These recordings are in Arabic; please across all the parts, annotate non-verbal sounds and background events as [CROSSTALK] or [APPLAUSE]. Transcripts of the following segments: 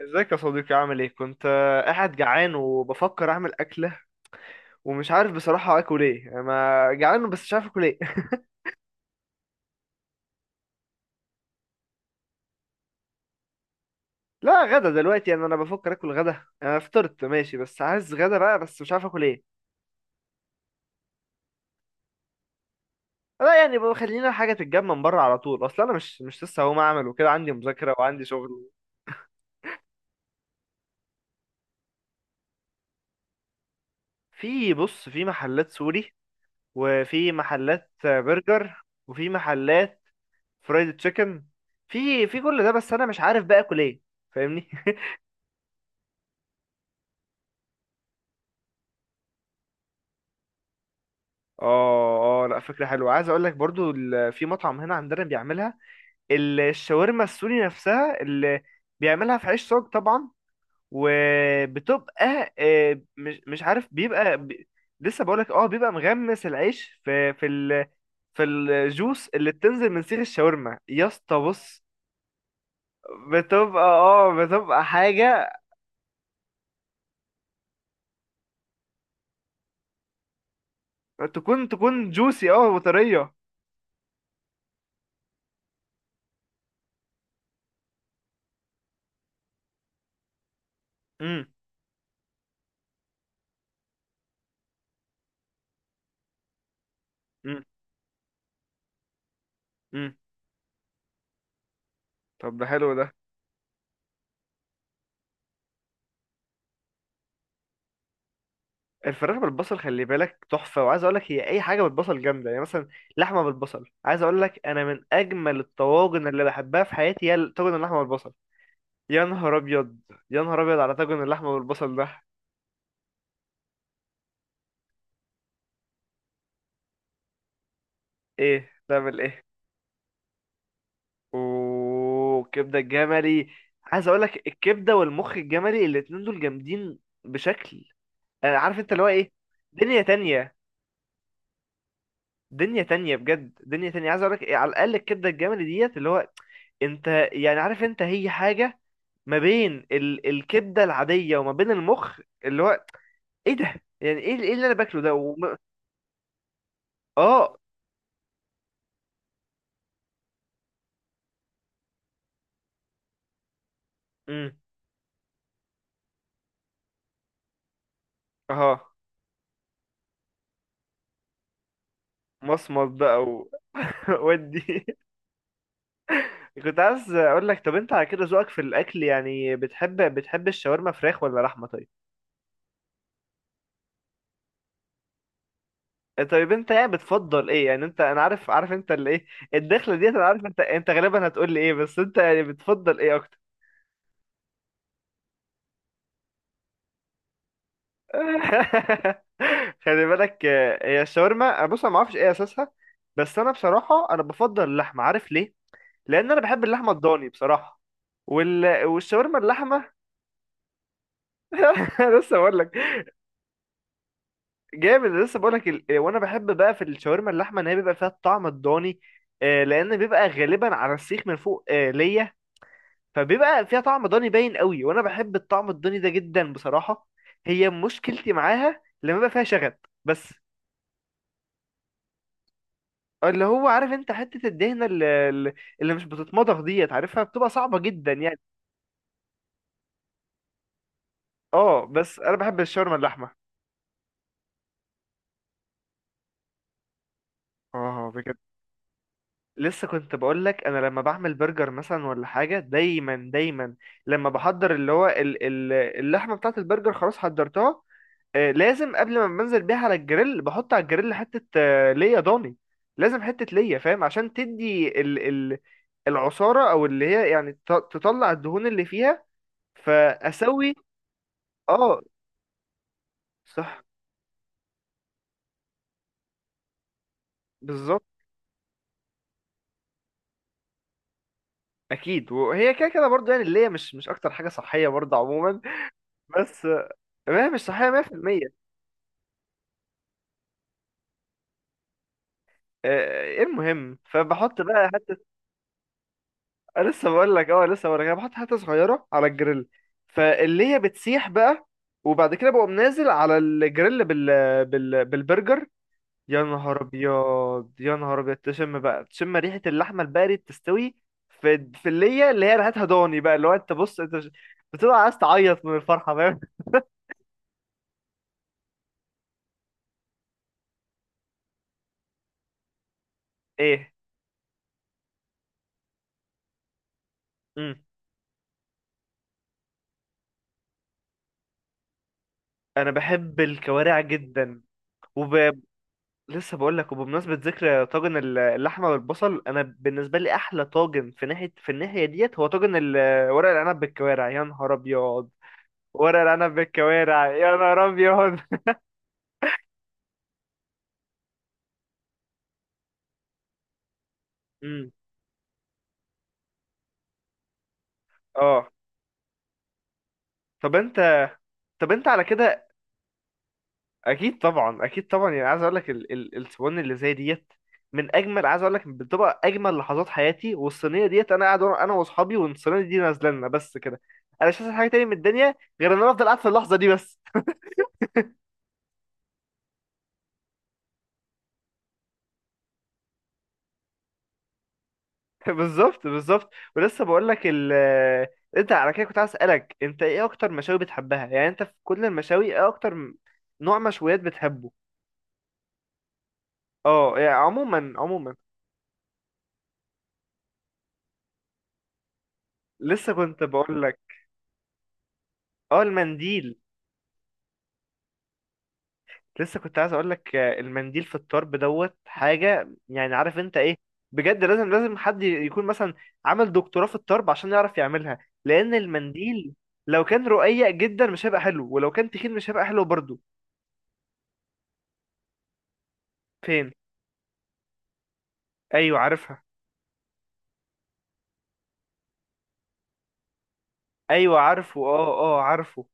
ازيك يا صديقي؟ عامل ايه؟ كنت قاعد جعان وبفكر اعمل اكله. ومش عارف بصراحه اكل ايه. انا جعان بس مش عارف اكل ايه. [LAUGHS] لا، غدا دلوقتي. يعني انا بفكر اكل غدا. انا فطرت ماشي بس عايز غدا بقى، بس مش عارف اكل ايه. لا، يعني بقى خلينا حاجه تتجمع من بره على طول. اصل انا مش لسه هقوم اعمل وكده، عندي مذاكره وعندي شغل. في. بص، في محلات سوري، وفي محلات برجر، وفي محلات فرايد تشيكن. في كل ده، بس انا مش عارف بقى اكل ايه. فاهمني؟ اه، اه، لا، فكرة حلوة. عايز اقول لك برضو، في مطعم هنا عندنا بيعملها، الشاورما السوري نفسها، اللي بيعملها في عيش صاج طبعا. وبتبقى مش عارف، بيبقى لسه بقولك. اه، بيبقى مغمس العيش في في الجوس اللي بتنزل من سيخ الشاورما، يا اسطى. بص. بتبقى حاجة تكون جوسي، اه، وطرية. امم امم امم طب، ده حلو ده. الفراخ بالبصل، خلي بالك، تحفة. وعايز اقول لك، هي اي حاجة بالبصل جامدة، يعني مثلا لحمة بالبصل، عايز اقول لك، انا من اجمل الطواجن اللي بحبها في حياتي هي طاجن اللحمة بالبصل. يا نهار ابيض، يا نهار ابيض على طاجن اللحمة بالبصل ده. ايه؟ تعمل ايه؟ وكبدة الجملي، عايز اقول لك، الكبدة والمخ الجملي الاتنين دول جامدين بشكل. انا عارف، انت اللي هو ايه. دنيا تانية، دنيا تانية بجد، دنيا تانية. عايز اقول لك، على الاقل الكبدة الجملي ديت، اللي هو انت يعني عارف، انت هي حاجة ما بين الكبده العاديه وما بين المخ، اللي هو ايه ده؟ يعني ايه؟ ايه اللي انا باكله ده اه. امم اه. مصمت بقى [LAUGHS] ودي. كنت عايز اقول لك، طب انت على كده ذوقك في الاكل، يعني بتحب الشاورما فراخ ولا لحمه؟ طيب. طيب انت يعني بتفضل ايه؟ يعني انت، انا عارف انت اللي ايه. الدخله ديت، انا عارف انت غالبا هتقول لي ايه، بس انت يعني بتفضل ايه اكتر؟ [LAUGHS] خلي بالك، هي الشاورما، بص، انا ما اعرفش ايه اساسها. بس انا بصراحه، انا بفضل اللحمه، عارف ليه؟ لان انا بحب اللحمه الضاني بصراحه. والشاورما اللحمه. [LAUGHS] أنا لسه بقول لك. جامد، أنا لسه بقول لك. وانا بحب بقى في الشاورما اللحمه ان هي بيبقى فيها الطعم الضاني. لان بيبقى غالبا على السيخ من فوق، ليا. فبيبقى فيها طعم ضاني باين قوي، وانا بحب الطعم الضاني ده جدا بصراحه. هي مشكلتي معاها لما بيبقى فيها شغب بس. اللي هو، عارف انت، حتة الدهنة اللي مش بتتمضغ ديت، عارفها؟ بتبقى صعبة جدا يعني. اه. بس انا بحب الشاورما اللحمة. اه بجد. لسه كنت بقول لك، انا لما بعمل برجر مثلا ولا حاجة، دايما دايما لما بحضر اللي هو اللحمة بتاعة البرجر، خلاص حضرتها. لازم قبل ما بنزل بيها على الجريل، بحط على الجريل حتة، ليا ضاني. لازم حتة ليا، فاهم، عشان تدي ال العصارة، او اللي هي يعني تطلع الدهون اللي فيها. فاسوي. اه، صح، بالظبط. اكيد، وهي كده كده برضه، يعني اللي هي مش اكتر حاجه صحيه برضه عموما. بس ما هي مش صحيه 100%. إيه المهم، فبحط بقى حته. أنا لسه بقول لك، اه لسه بقول لك، أنا بحط حته صغيره على الجريل، فاللي هي بتسيح بقى، وبعد كده بقوم نازل على الجريل بالبرجر. يا نهار ابيض، يا نهار ابيض، تشم بقى، تشم ريحه اللحمه البارد تستوي في اللي هي ريحتها ضاني بقى، اللي هو انت، بص، انت بتبقى عايز تعيط من الفرحه، فاهم؟ ايه. امم انا بحب الكوارع جدا وب... لسه بقول لك. وبمناسبه ذكر طاجن اللحمه والبصل، انا بالنسبه لي احلى طاجن في ناحيه، في الناحيه ديت، هو طاجن ورق العنب بالكوارع. يا نهار ابيض. ورق العنب بالكوارع، يا نهار ابيض. امم اه. طب انت، طب انت على كده، اكيد طبعا، اكيد طبعا، يعني عايز اقول لك الصواني اللي زي ديت، من اجمل، عايز اقول لك، بتبقى اجمل لحظات حياتي. والصينيه ديت، انا قاعد انا واصحابي والصينيه دي نازله لنا، بس كده انا مش عايز حاجه تاني من الدنيا غير ان انا افضل قاعد في اللحظه دي بس. [LAUGHS] بالظبط بالظبط. ولسه بقول لك انت على كده، كنت عايز اسالك، انت ايه اكتر مشاوي بتحبها؟ يعني انت في كل المشاوي، ايه اكتر نوع مشويات بتحبه؟ اه، يعني عموما، عموما. لسه كنت بقول لك، اه، المنديل. لسه كنت عايز اقول لك، المنديل في الطرب دوت حاجه، يعني عارف انت ايه. بجد، لازم، لازم حد يكون مثلا عمل دكتوراه في الطرب عشان يعرف يعملها. لان المنديل، لو كان رقيق جدا مش هيبقى حلو، ولو كان تخين مش هيبقى حلو برضه. فين؟ ايوه عارفها. ايوه عارفه، اه، اه عارفه.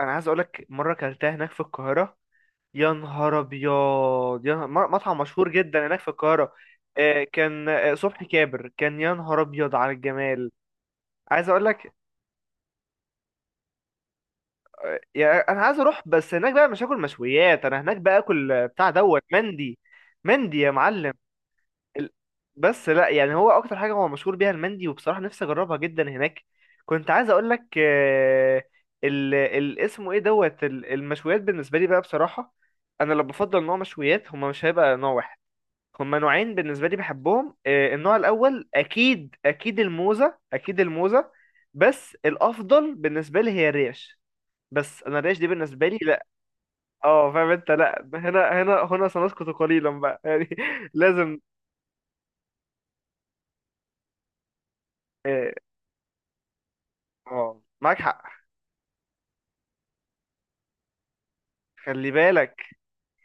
انا عايز اقول لك، مره اكلتها هناك في القاهره. يا نهار ابيض، مطعم مشهور جدا هناك في القاهره. كان صبحي كابر كان، يا نهار ابيض على الجمال. عايز اقول لك، يعني انا عايز اروح بس هناك بقى مش هاكل مشويات، انا هناك بقى اكل بتاع دوت، مندي. مندي يا معلم. ال- بس لا يعني هو اكتر حاجه هو مشهور بيها المندي، وبصراحه نفسي اجربها جدا هناك. كنت عايز اقول لك، اسمه ايه دوت المشويات بالنسبه لي بقى بصراحه، انا لو بفضل نوع مشويات، هما مش هيبقى نوع واحد. هما نوعين بالنسبه لي بحبهم. النوع الاول، اكيد اكيد الموزه، اكيد الموزه. بس الافضل بالنسبه لي هي الريش. بس انا الريش دي بالنسبه لي، اه، فاهم انت، لا. هنا سنسكت قليلا بقى، يعني، [LAUGHS] لازم. اه، معاك حق. خلي بالك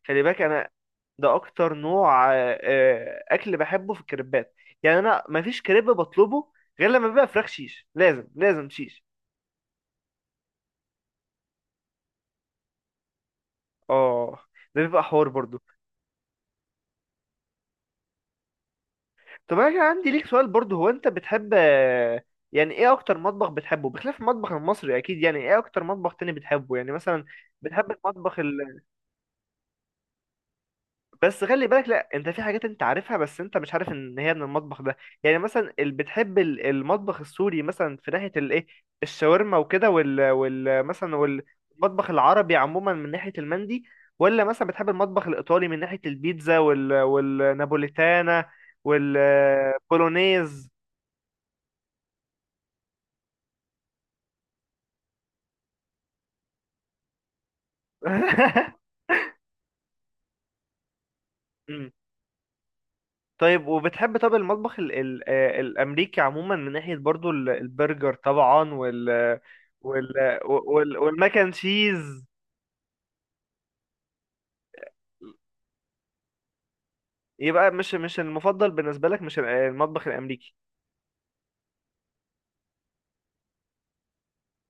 خلي بالك انا، ده اكتر نوع اكل بحبه في الكريبات. يعني انا، ما فيش كريب بطلبه غير لما بيبقى فراخ شيش، لازم لازم شيش. اه، ده بيبقى حوار برضو. طب انا كان عندي ليك سؤال برضو، هو انت بتحب يعني ايه اكتر مطبخ بتحبه بخلاف المطبخ المصري اكيد؟ يعني ايه اكتر مطبخ تاني بتحبه يعني مثلا؟ بتحب المطبخ؟ بس خلي بالك، لا، انت في حاجات انت عارفها بس انت مش عارف ان هي من المطبخ ده. يعني مثلا اللي بتحب المطبخ السوري، مثلا في ناحية الايه، الشاورما وكده وال مثلا، والمطبخ العربي عموما من ناحية المندي. ولا مثلا بتحب المطبخ الايطالي من ناحية البيتزا والنابوليتانا والبولونيز. [LAUGHS] طيب وبتحب، طب المطبخ ال ال الأمريكي عموما، من ناحية برضو البرجر طبعا وال والماكن تشيز؟ يبقى مش المفضل بالنسبة لك، مش المطبخ الأمريكي.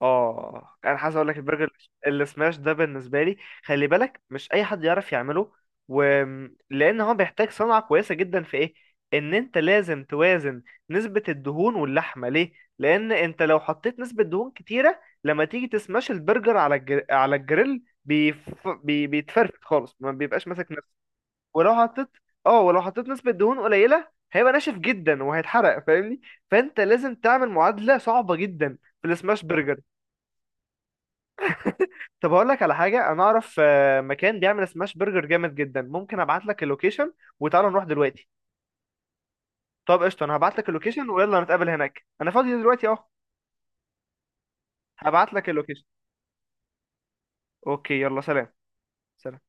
اه انا عايز اقول لك، البرجر اللي سماش ده بالنسبه لي، خلي بالك مش اي حد يعرف يعمله و... لان هو بيحتاج صنعه كويسه جدا في ايه، ان انت لازم توازن نسبه الدهون واللحمه ليه. لان انت لو حطيت نسبه دهون كتيره، لما تيجي تسماش البرجر على على الجريل، بيتفرفت خالص، ما بيبقاش ماسك نفسه. ولو حطيت اه ولو حطيت نسبه دهون قليله، هيبقى ناشف جدا وهيتحرق، فاهمني؟ فانت لازم تعمل معادله صعبه جدا في السماش برجر. طب اقول لك على حاجه، انا اعرف مكان بيعمل سماش برجر جامد جدا. ممكن ابعت لك اللوكيشن وتعالى نروح دلوقتي. طب قشطه، انا هبعت لك اللوكيشن ويلا نتقابل هناك، انا فاضي دلوقتي اهو. هبعت لك اللوكيشن. اوكي، يلا سلام. سلام.